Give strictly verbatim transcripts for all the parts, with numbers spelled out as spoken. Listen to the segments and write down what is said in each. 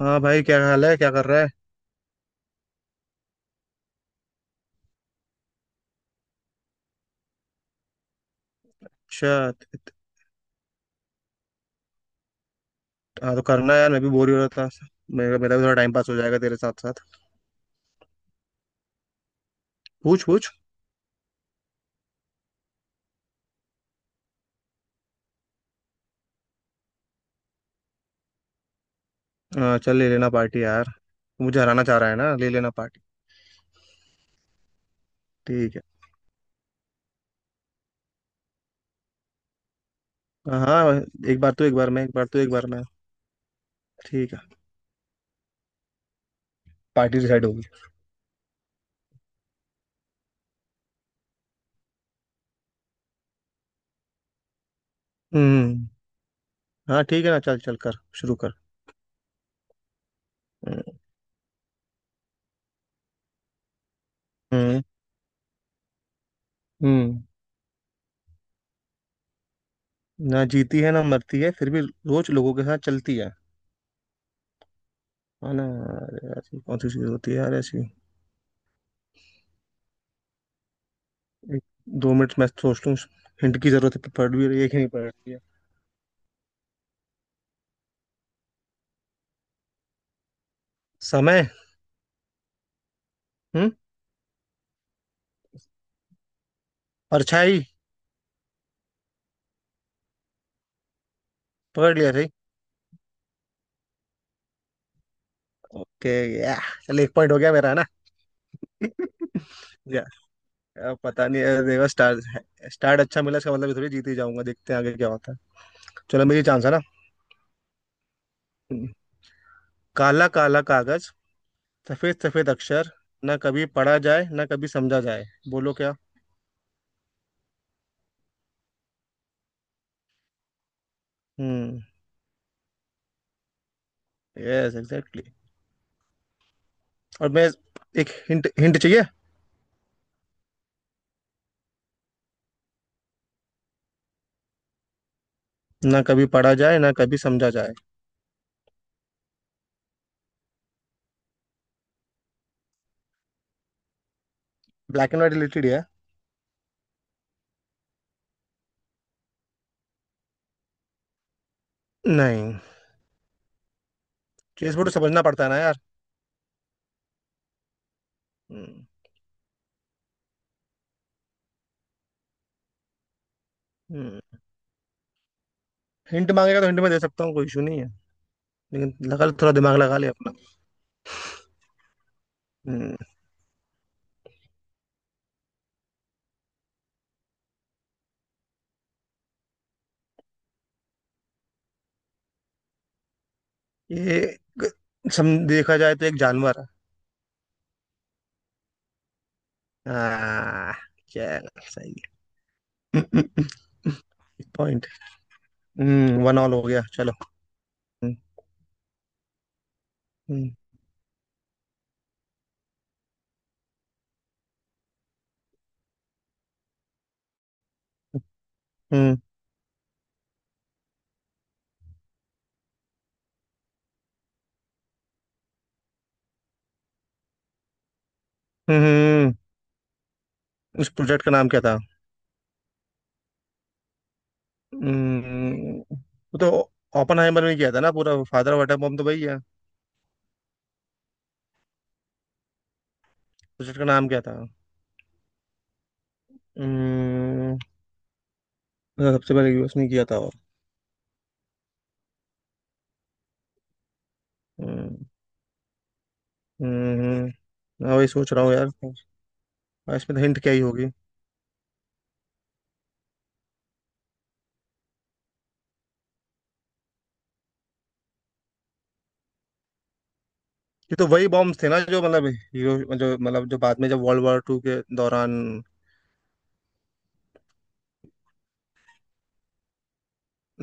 हाँ भाई, क्या हाल है? क्या कर रहा है? अच्छा। त- त- हाँ, तो करना है यार, मैं भी बोर ही हो रहा था। मेरा मेरा भी थोड़ा टाइम पास हो जाएगा तेरे साथ साथ। पूछ पूछ। हाँ, चल ले लेना पार्टी यार। तू मुझे हराना चाह रहा है ना, ले लेना पार्टी। ठीक है। हाँ, हाँ, एक बार तू, एक बार मैं, एक बार तू, एक बार मैं। ठीक है। पार्टी डिसाइड होगी। हम्म। हाँ ठीक है ना, चल चल कर शुरू कर। हम्म, हम्म। ना जीती है, ना मरती है, फिर भी रोज लोगों के साथ चलती है। है ना? अरे यार, ये कौन सी चीज होती है यार ऐसी? एक- दो मिनट मैं सोच लूँ। हिंट की जरूरत है? पढ़ भी रही है कि नहीं पढ़ रही है? समय। हम्म। परछाई। पकड़ लिया सही। ओके। या। चल, एक पॉइंट हो गया मेरा, है ना? या। अब पता नहीं। अरे देखो, स्टार स्टार्ट अच्छा मिला, इसका मतलब ये थोड़ी जीत ही जाऊंगा, देखते हैं आगे क्या होता है। चलो, मेरी चांस है ना। हम्म। काला काला कागज, सफेद सफेद अक्षर, ना कभी पढ़ा जाए, ना कभी समझा जाए। बोलो क्या? हम्म। Yes, exactly. और मैं, एक हिंट हिंट चाहिए। ना कभी पढ़ा जाए, ना कभी समझा जाए। ब्लैक एंड व्हाइट रिलेटेड है। नहीं। चेस बोर्ड समझना पड़ता है ना यार। हम्म, हम्म। हिंट मांगेगा तो हिंट में दे सकता हूँ, कोई इशू नहीं है। लेकिन लगा, थोड़ा दिमाग लगा ले अपना। हम्म। ये ग- सम देखा जाए तो एक जानवर है। हाँ। चल, सही है। पॉइंट। वन ऑल हो गया, चलो। हम्म, हम्म, हम्म। हम्म। हम्म। उस प्रोजेक्ट का नाम क्या था? हम्म। वो तो ओपनहाइमर में किया था ना, पूरा फादर ऑफ एटम बम तो वही है। प्रोजेक्ट का नाम क्या था? हम्म। सबसे पहले यूएस में किया था। हम्म। हम्म। मैं वही सोच रहा हूँ यार। और इसमें तो हिंट क्या ही होगी। ये तो वही बॉम्ब्स थे ना, जो मतलब हीरो, जो मतलब, जो बाद में, जब वर्ल्ड वॉर टू के दौरान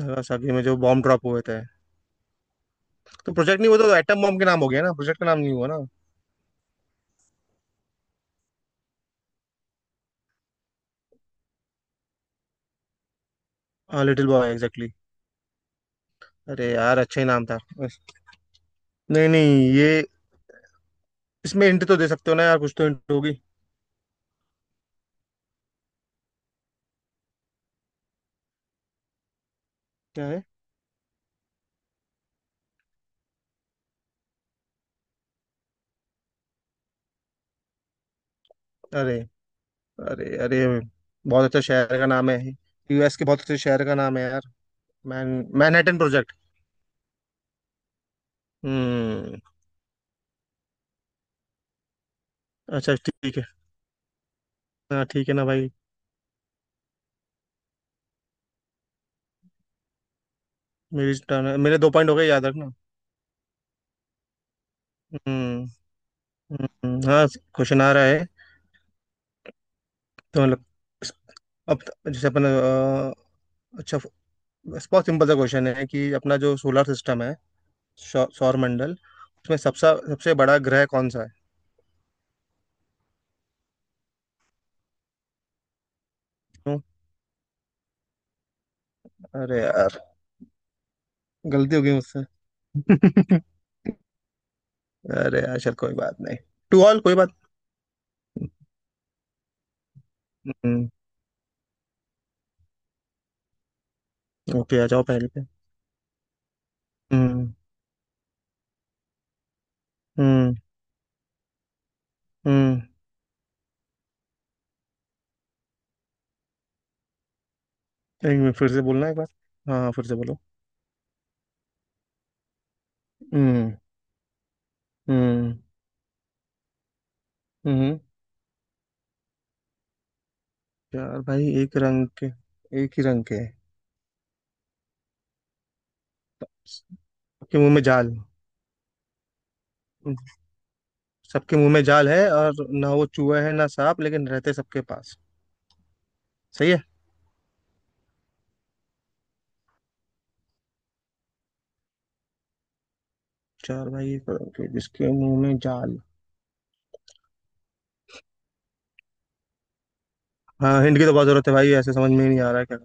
नागासाकी में जो बॉम्ब ड्रॉप हुए थे। तो प्रोजेक्ट नहीं हुआ, तो एटम बॉम्ब के नाम हो गया ना, प्रोजेक्ट का नाम नहीं हुआ ना। हाँ, लिटिल बॉय एग्जैक्टली। अरे यार, अच्छा ही नाम था। नहीं, नहीं, ये, इसमें हिंट तो दे सकते हो ना यार, कुछ तो हिंट होगी। क्या है? अरे, अरे, अरे, बहुत अच्छा शहर का नाम है। यूएस के बहुत अच्छे शहर का नाम है यार। मैन। Manhattan project. हम्म। अच्छा, ठीक है। हाँ, ठीक है ना भाई। मेरी टर्न है, मेरे दो पॉइंट हो गए, याद रखना। हम्म, हम्म, हाँ। क्वेश्चन आ रहा है। तो मतलब, अब त- जैसे अपन अ, अच्छा, बहुत सिंपल सा क्वेश्चन है कि अपना जो सोलर सिस्टम है, सौ- सौर मंडल, उसमें सबसे सबसे बड़ा ग्रह कौन सा है? क्यों? अरे यार, गलती हो गई मुझसे। अरे यार, चल कोई बात नहीं। टू ऑल, कोई बात। हम्म। ओके, आ जाओ पहले पे। हम्म, हम्म, हम्म। एक मिनट, फिर से बोलना एक बार। हाँ, हाँ, फिर से बोलो। हम्म, हम्म, हम्म। यार, भाई एक रंग के, एक ही रंग के हैं। सबके मुंह में जाल। सबके मुंह में जाल है, और ना वो चूहा है, ना सांप, लेकिन रहते सबके पास। सही है। चार भाई एक रंग के, जिसके मुंह में जाल। हाँ, हिंट की तो बहुत जरूरत है भाई, ऐसे समझ में ही नहीं आ रहा है क्या।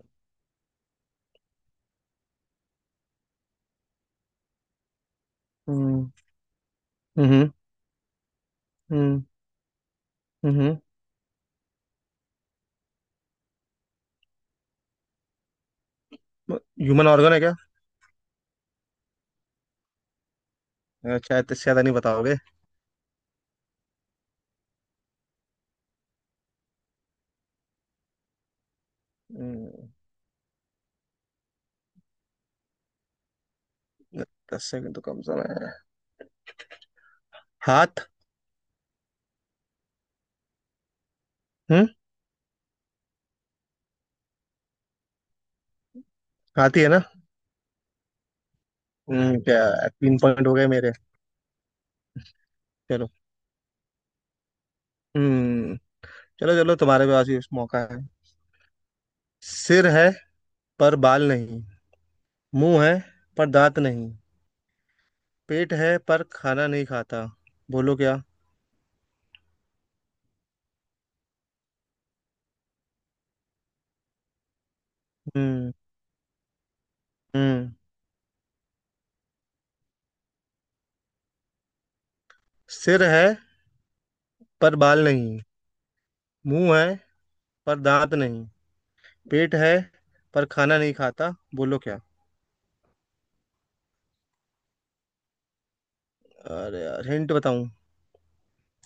हम्म, हम्म, हम्म, हम्म। ह्यूमन ऑर्गन है क्या? अच्छा, इतने ज्यादा नहीं बताओगे? हम्म। दस सेकंड तो कम समय है। हाथ। हम्म। हाथ ही है ना? हम्म, क्या? तीन पॉइंट हो गए मेरे। चलो। हम्म। चलो, चलो, तुम्हारे पास भी मौका है। सिर है, पर बाल नहीं। मुंह है, पर दांत नहीं। पेट है पर खाना नहीं खाता। बोलो क्या? हम्म, हम्म। सिर है, पर बाल नहीं। मुंह है, पर दांत नहीं। पेट है पर खाना नहीं खाता। बोलो क्या? अरे यार, हिंट बताऊं?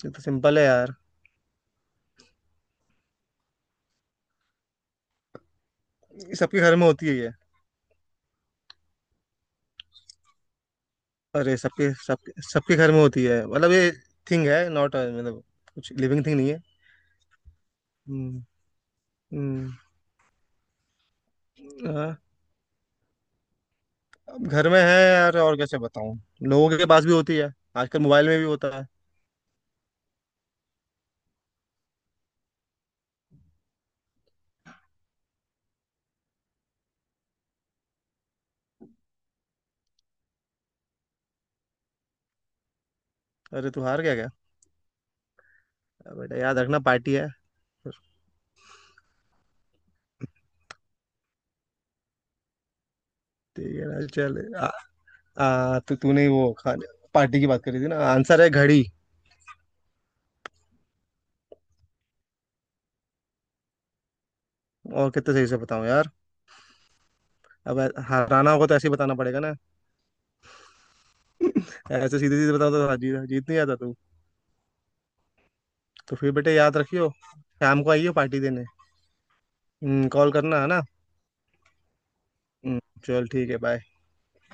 ये तो सिंपल है यार। ये सबके घर में होती है ये। अरे, सबके सबके सबके घर में होती है मतलब ये, थिंग है नॉट, मतलब कुछ लिविंग थिंग नहीं है। हम्म, हम्म। हाँ। अब घर में है यार, और कैसे बताऊं? लोगों के पास भी होती है। आजकल मोबाइल में भी होता है। अरे तू हार गया क्या? अब बेटा, याद रखना, पार्टी है। ठीक है ना, चल, आ, आ, तो तूने वो खाने पार्टी की बात करी थी ना, आंसर है घड़ी। और कितने सही से बताऊं यार? अब ऐ- हराना होगा तो ऐसे ही बताना पड़ेगा ना। ऐसे सीधे सीधे बताओ तो जीत, जीत नहीं आता तू। तो फिर बेटे, याद रखियो। शाम को आइयो पार्टी देने। हम्म, कॉल करना है ना? हम्म, चल ठीक है, बाय।